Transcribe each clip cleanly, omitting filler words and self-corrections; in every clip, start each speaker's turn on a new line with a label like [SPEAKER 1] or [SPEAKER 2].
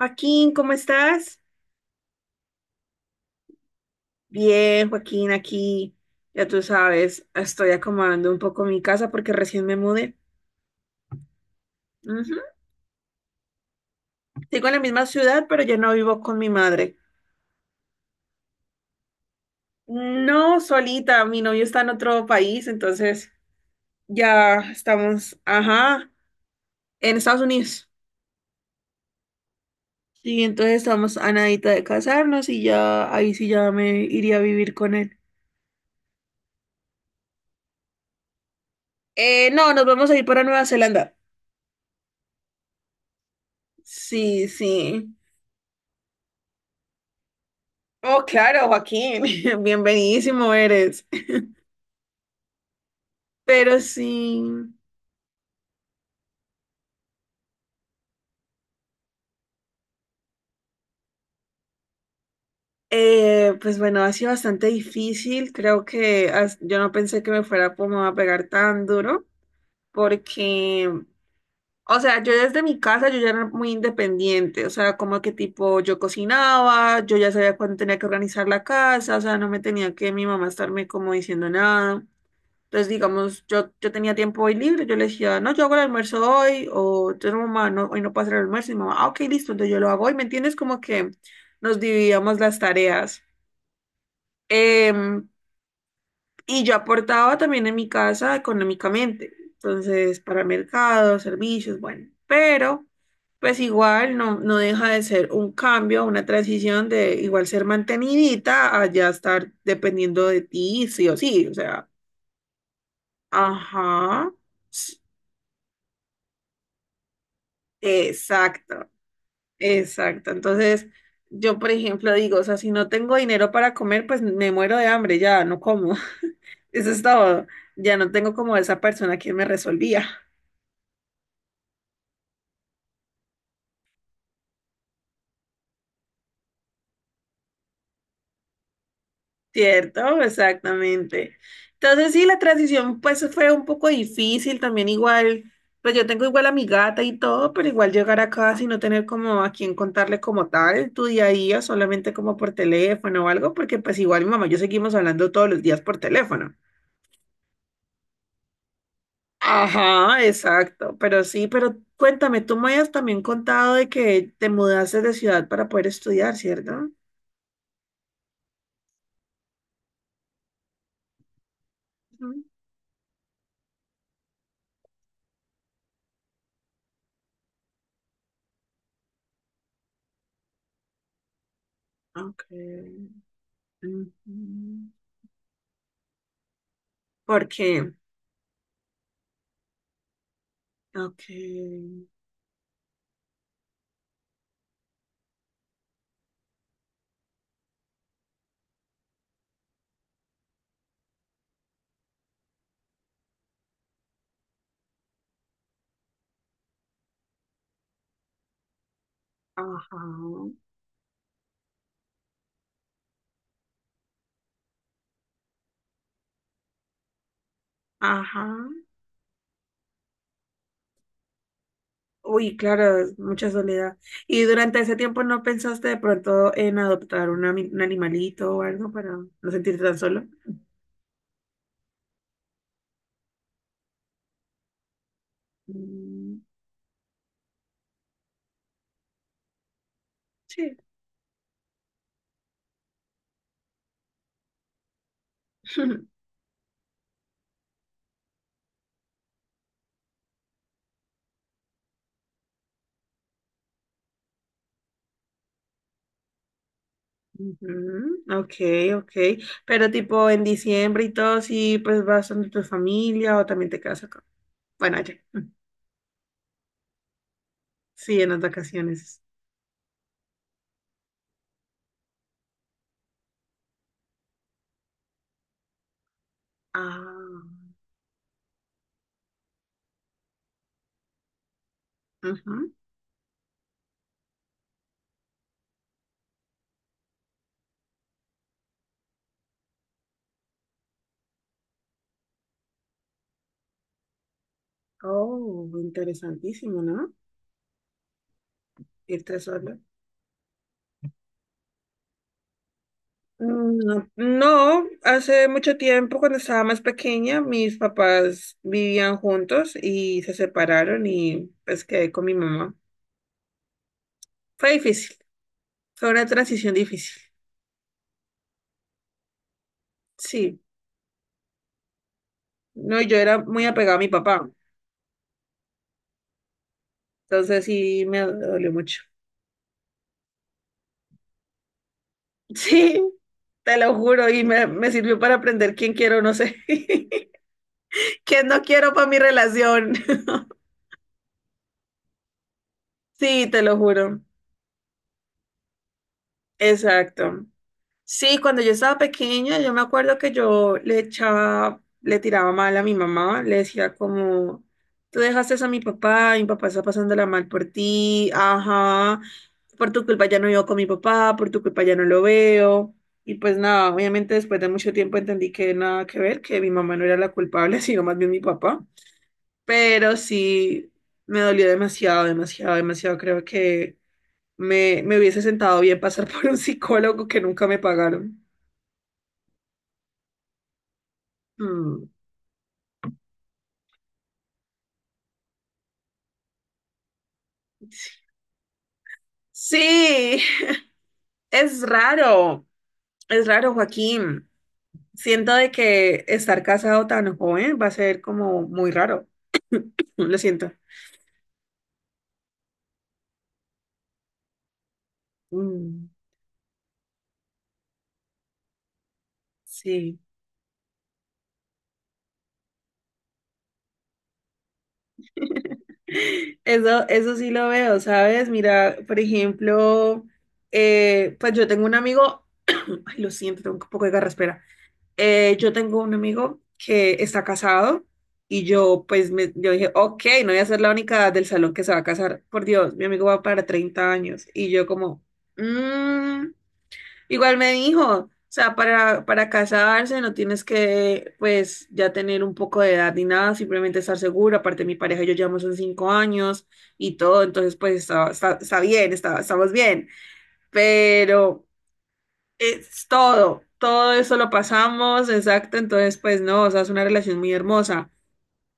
[SPEAKER 1] Joaquín, ¿cómo estás? Bien, Joaquín, aquí, ya tú sabes, estoy acomodando un poco mi casa porque recién me mudé. Ujú. Sigo en la misma ciudad, pero ya no vivo con mi madre. No, solita, mi novio está en otro país, entonces ya estamos, ajá, en Estados Unidos. Sí, entonces estamos a nadita de casarnos y ya ahí sí ya me iría a vivir con él. No, nos vamos a ir para Nueva Zelanda. Sí, sí. Oh, claro, Joaquín, bienvenidísimo eres. Pero sí, pues bueno, ha sido bastante difícil. Creo que yo no pensé que me fuera como a pegar tan duro, porque, o sea, yo desde mi casa yo ya era muy independiente, o sea, como que tipo yo cocinaba, yo ya sabía cuándo tenía que organizar la casa, o sea, no me tenía que mi mamá estarme como diciendo nada. Entonces, digamos, yo tenía tiempo hoy libre, yo le decía, no, yo hago el almuerzo hoy, o yo no, mamá, no, hoy no puedo hacer el almuerzo, y mi mamá, ah, ok, listo, entonces yo lo hago hoy, ¿me entiendes? Como que nos dividíamos las tareas. Em, y yo aportaba también en mi casa económicamente, entonces, para mercados, servicios, bueno, pero pues igual no deja de ser un cambio, una transición de igual ser mantenidita a ya estar dependiendo de ti, sí o sí, o sea, ajá. Exacto, exacto. Entonces, yo, por ejemplo, digo, o sea, si no tengo dinero para comer, pues me muero de hambre, ya no como. Eso es todo. Ya no tengo como esa persona que me resolvía, ¿cierto? Exactamente. Entonces, sí, la transición, pues fue un poco difícil también, igual, pues yo tengo igual a mi gata y todo, pero igual llegar acá sin no tener como a quien contarle como tal tu día a día, solamente como por teléfono o algo, porque pues igual mi mamá y yo seguimos hablando todos los días por teléfono. Ajá, exacto, pero sí, pero cuéntame, tú me has también contado de que te mudaste de ciudad para poder estudiar, ¿cierto? Ujú. Ok. Ujú. ¿Por qué? Ok. Ajá. Ajá. Uy, claro, es mucha soledad. ¿Y durante ese tiempo no pensaste de pronto en adoptar un animalito o algo para no sentirte tan solo? Mm, sí. Ujú, ok, ok. Pero tipo en diciembre y todo, sí, pues vas donde tu familia o también te quedas acá. Bueno, allá. Mm, sí, en las vacaciones. Ah, ujú. Oh, interesantísimo, ¿no? Irte solo. Mm, no, no, hace mucho tiempo, cuando estaba más pequeña, mis papás vivían juntos y se separaron y pues quedé con mi mamá. Fue difícil, fue una transición difícil. Sí, no, yo era muy apegada a mi papá. Entonces sí me dolió mucho. Sí, te lo juro, y me sirvió para aprender quién quiero, no sé, quién no quiero para mi relación. Sí, te lo juro. Exacto. Sí, cuando yo estaba pequeña, yo me acuerdo que yo le echaba, le tiraba mal a mi mamá, le decía como, tú dejaste eso a mi papá está pasándola mal por ti, ajá, por tu culpa ya no vivo con mi papá, por tu culpa ya no lo veo. Y pues nada, obviamente después de mucho tiempo entendí que nada que ver, que mi mamá no era la culpable, sino más bien mi papá. Pero sí, me dolió demasiado, demasiado, demasiado. Creo que me hubiese sentado bien pasar por un psicólogo que nunca me pagaron. Mm, sí, es raro, es raro, Joaquín. Siento de que estar casado tan joven va a ser como muy raro. Lo siento. Mm, sí, eso sí lo veo, ¿sabes? Mira, por ejemplo, pues yo tengo un amigo, ay, lo siento, tengo un poco de garraspera. Yo tengo un amigo que está casado y yo pues yo dije, ok, no voy a ser la única del salón que se va a casar. Por Dios, mi amigo va para 30 años. Y yo como, "Mm". Igual me dijo, o sea, para casarse no tienes que pues ya tener un poco de edad ni nada, simplemente estar segura. Aparte mi pareja y yo llevamos en 5 años y todo, entonces pues está, bien, estamos bien. Pero. Es todo, todo eso lo pasamos, exacto, entonces pues no, o sea, es una relación muy hermosa,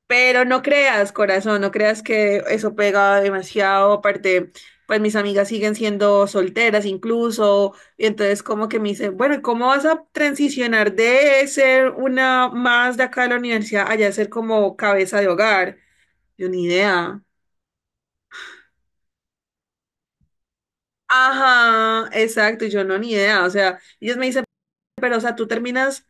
[SPEAKER 1] pero no creas, corazón, no creas que eso pega demasiado, aparte, pues mis amigas siguen siendo solteras incluso, y entonces como que me dicen, bueno, ¿y cómo vas a transicionar de ser una más de acá de la universidad allá a ser como cabeza de hogar? Yo ni idea. Ajá, exacto, y yo no, ni idea, o sea, ellos me dicen, pero o sea, tú terminas.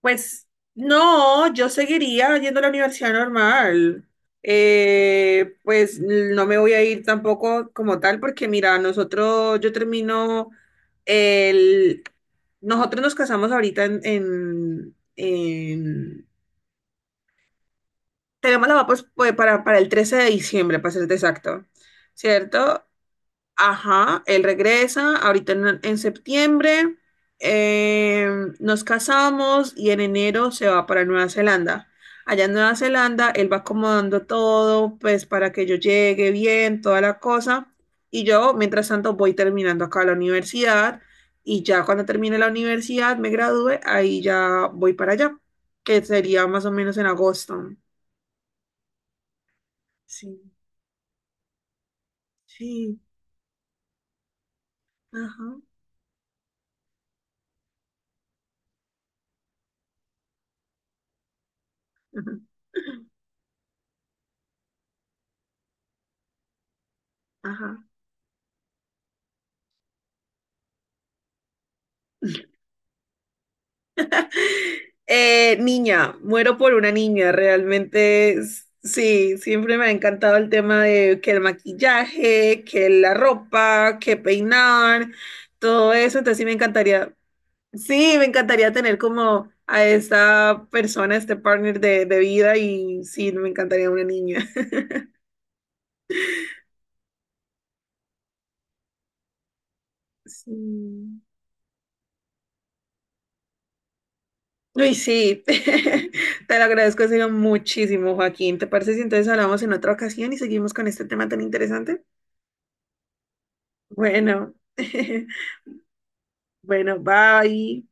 [SPEAKER 1] Pues no, yo seguiría yendo a la universidad normal. Pues no me voy a ir tampoco como tal, porque mira, nosotros, yo termino el, nosotros nos casamos ahorita tenemos la boda pues, para el 13 de diciembre, para ser exacto, ¿cierto? Ajá, él regresa ahorita en septiembre, eh, nos casamos y en enero se va para Nueva Zelanda. Allá en Nueva Zelanda, él va acomodando todo, pues para que yo llegue bien, toda la cosa. Y yo, mientras tanto, voy terminando acá la universidad y ya cuando termine la universidad, me gradúe, ahí ya voy para allá, que sería más o menos en agosto. Sí, sí, ajá, ajá, ajá. Niña, muero por una niña, realmente sí, siempre me ha encantado el tema de que el maquillaje, que la ropa, que peinar, todo eso, entonces sí, me encantaría tener como a esta persona, este partner de vida y sí, me encantaría una niña. Sí. Uy, sí, te lo agradezco en serio muchísimo, Joaquín. ¿Te parece si entonces hablamos en otra ocasión y seguimos con este tema tan interesante? Bueno. Bueno, bye.